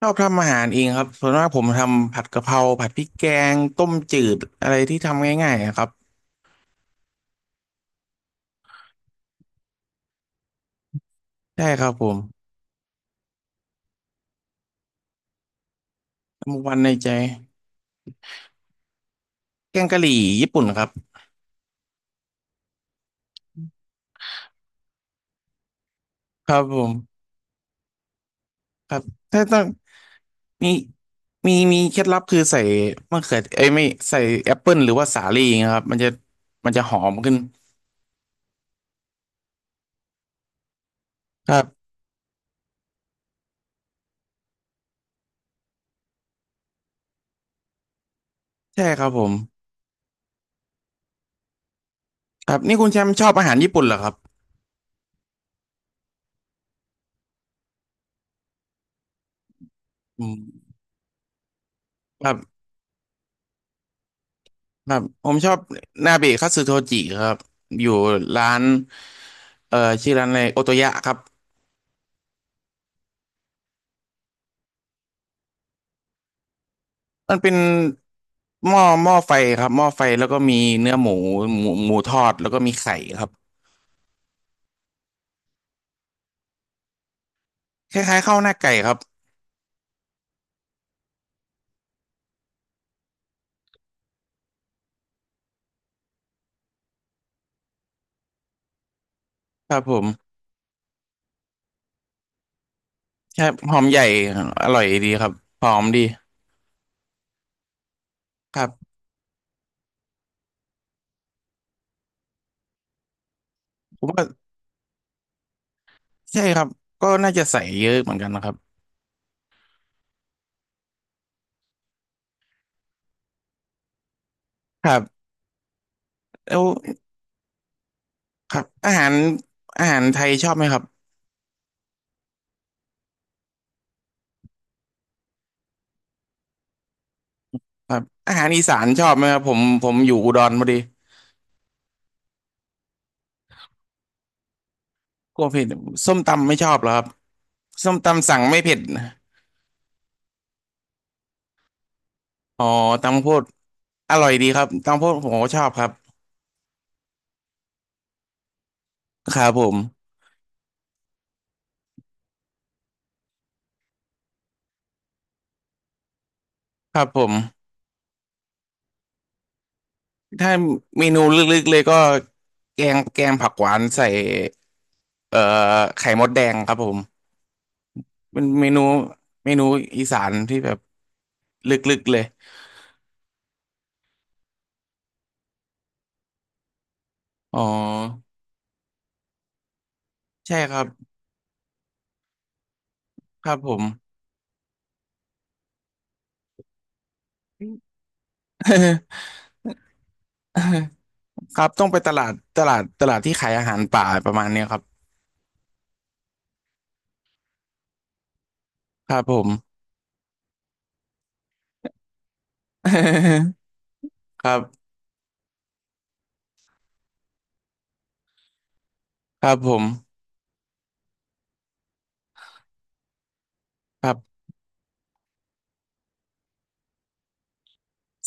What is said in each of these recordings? ชอบทำอาหารเองครับส่วนมากผมทำผัดกะเพราผัดพริกแกงต้มจืดอะไรที่ทำง่ายๆอะครับใช่ครับผมมุกวันในใจแกงกะหรี่ญี่ปุ่นครับครับผมครับถ้าต้องมีมีเคล็ดลับคือใส่มะเขือเอ้ยไม่ใส่แอปเปิลหรือว่าสาลี่นะครับมันจะหอมขึ้นครับใช่ครับผมครับนี่คุณแชมป์ชอบอาหารญี่ปุ่นเหรอครับอืมครับ ครับผมชอบนาเบะคัตสึโทจิครับอยู่ร้านเอ่อชื่อร้านอะไรโอโตยะครับมันเป็นหม้อไฟครับหม้อไฟแล้วก็มีเนื้อหมูหมูทอดแล้วก็มีไข่ครับคล้ายๆข้าวหน้าไก่ครับครับผมใช่หอมใหญ่อร่อยดีครับหอมดีครับผมว่าใช่ครับก็น่าจะใส่เยอะเหมือนกันนะครับครับแล้วครับอาหารอาหารไทยชอบไหมครับครับอาหารอีสานชอบไหมครับผมอยู่อุดรพอดี กลัวเผ็ดส้มตำไม่ชอบเหรอครับส้มตำสั่งไม่เผ็ดอ๋อตำข้าวโพดอร่อยดีครับตำข้าวโพดผมก็ชอบครับครับผมครับผมถ้าเมนูลึกๆเลยก็แกงแกงผักหวานใส่เอ่อไข่มดแดงครับผมเป็นเมนูเมนูอีสานที่แบบลึกๆเลยอ๋อใช่ครับครับผม ครับต้องไปตลาดตลาดที่ขายอาหารป่าประมาณเนี้ยครับครับผม ครับครับผมครับ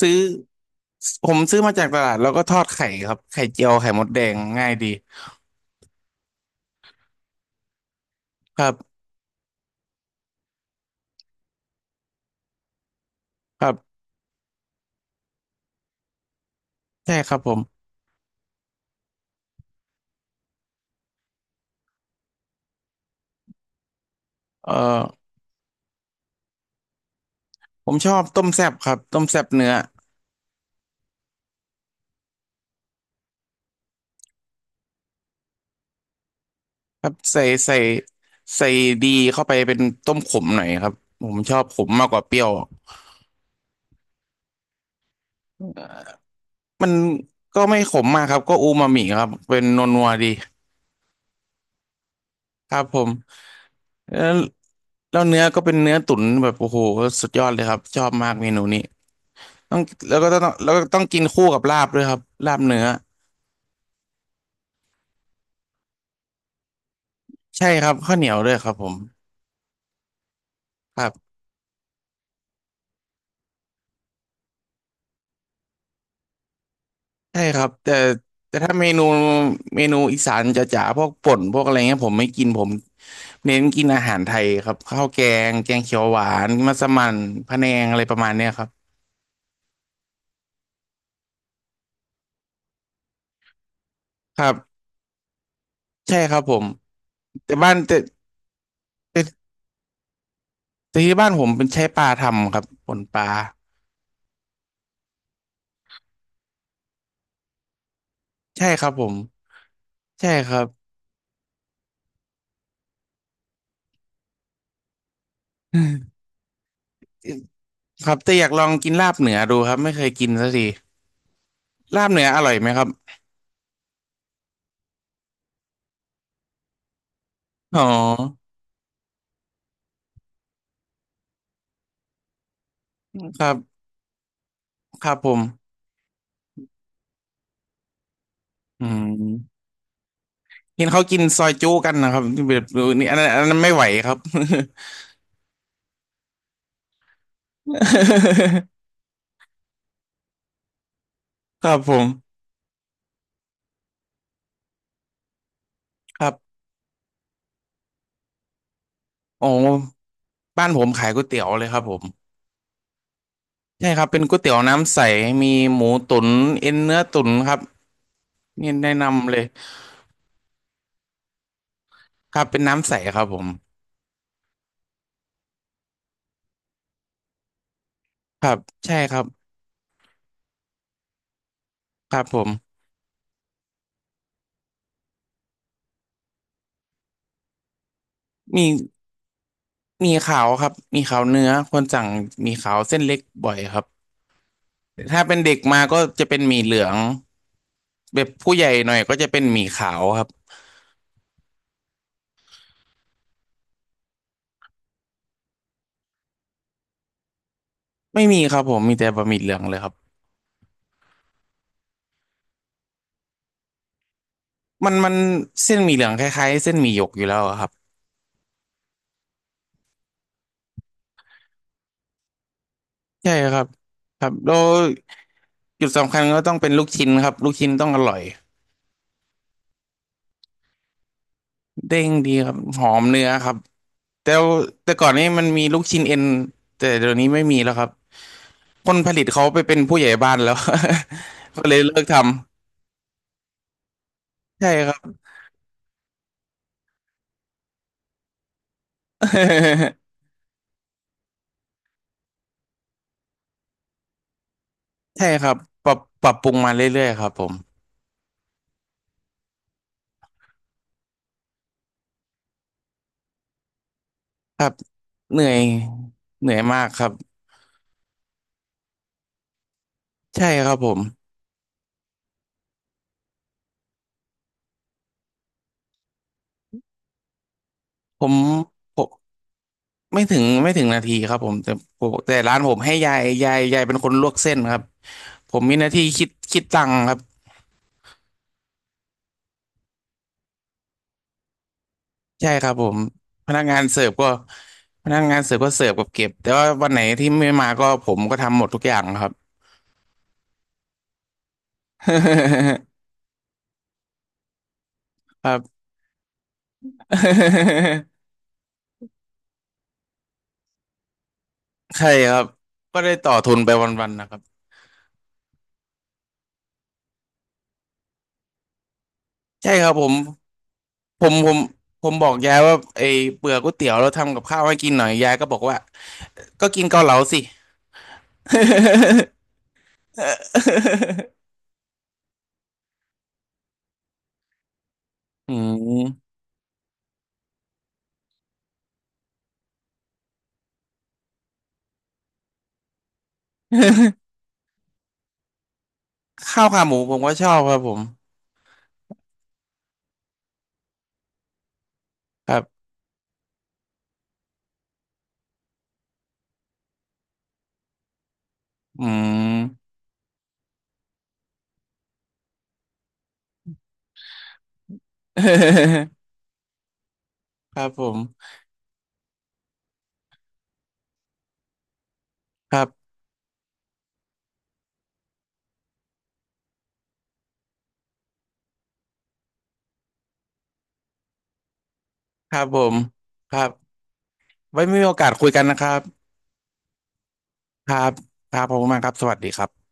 ซื้อผมซื้อมาจากตลาดแล้วก็ทอดไข่ครับไข่เจียวไข่มดแดงง่ายดีครับครับใช่ครับผมเอ่อผมชอบต้มแซ่บครับต้มแซ่บเนื้อครับใส่ดีเข้าไปเป็นต้มขมหน่อยครับผมชอบขมมากกว่าเปรี้ยวมันก็ไม่ขมมากครับก็อูมามิครับเป็นนัวๆดีครับผมแล้วเนื้อก็เป็นเนื้อตุ๋นแบบโอ้โหสุดยอดเลยครับชอบมากเมนูนี้ ต้องแล้วก็ต้องกินคู่กับลาบด้วยครับลาบเนื้อใช่ครับข้าวเหนียวด้วยครับผมครับใช่ครับแต่แต่ถ้าเมนูเมนูอีสานจ๋าๆพวกป่นพวกอะไรเงี้ยผมไม่กินผมเน้นกินอาหารไทยครับข้าวแกงแกงเขียวหวานมัสมั่นพะแนงอะไรประมาณเนี้ยครับครับใช่ครับผมแต่บ้านแต่แต่แต่ที่บ้านผมเป็นใช้ปลาทำครับป่นปลาใช่ครับผมใช่ครับ ครับแต่อยากลองกินลาบเหนือดูครับไม่เคยกินสักที ลาบเนื้ออร่อยไหมครับอ๋อครับครับผมอืมเห็นเขากินซอยจุกันนะครับแบบนี่อันนั้นไม่ไหวครับ ครับผมครับโอ้บ้านผมขายก๋วยเตี๋ยวเลยครับผมใช่ครับเป็นก๋วยเตี๋ยวน้ำใสมีหมูตุ๋นเอ็นเนื้อตุ๋นครับนี่แนะนำเลยครับเป็นน้ำใสครับผมครับใช่ครับครับผมมีมีขาวครับมีขาวเนื้อคนสั่งมีขาวเส้นเล็กบ่อยครับ ถ้าเป็นเด็กมาก็จะเป็นหมี่เหลืองแบบผู้ใหญ่หน่อยก็จะเป็นหมี่ขาวครับไม่มีครับผมมีแต่บะหมี่เหลืองเลยครับมันมันเส้นหมี่เหลืองคล้ายๆเส้นหมี่หยกอยู่แล้วอะครับใช่ครับครับแล้วจุดสำคัญก็ต้องเป็นลูกชิ้นครับลูกชิ้นต้องอร่อยเด้งดีครับหอมเนื้อครับแต่แต่ก่อนนี้มันมีลูกชิ้นเอ็นแต่เดี๋ยวนี้ไม่มีแล้วครับคนผลิตเขาไปเป็นผู้ใหญ่บ้านแล้ว ก็เลยเลิกทำใช่ครับ ใช่ครับปรับปรับปรุงมาเรื่อยๆครับผม ครับเหนื่อยเหนื่อยมากครับใช่ครับผมผมไม่ถึงนาทีครับผมแต่ร้านผมให้ยายเป็นคนลวกเส้นครับผมมีหน้าที่คิดตังค์ครับใช่ครับผมพนักงานเสิร์ฟก็พนักงานเสิร์ฟก็เสิร์ฟกับเก็บแต่ว่าวันไหนที่ไม่มาก็ผมก็ทำหมดทุกอย่างครับ ครับ ใช่ครับก็ได้ต่อทุนไปวันๆนะครับใช่ครับผม ผมผมผมบอกยายว่าไอ้เปลือกก๋วยเตี๋ยวเราทำกับข้าวให้กินหน่อยยายก็บอกว่าก็กินเกาเหลาสิ อืม ข้าวขาหมูผมก็ชอบครับผมครับอืม ครับผมครับครับผมครับไว้มีโอกาสคุยกันนะครับครับครับผมมากครับสวัสดีครับ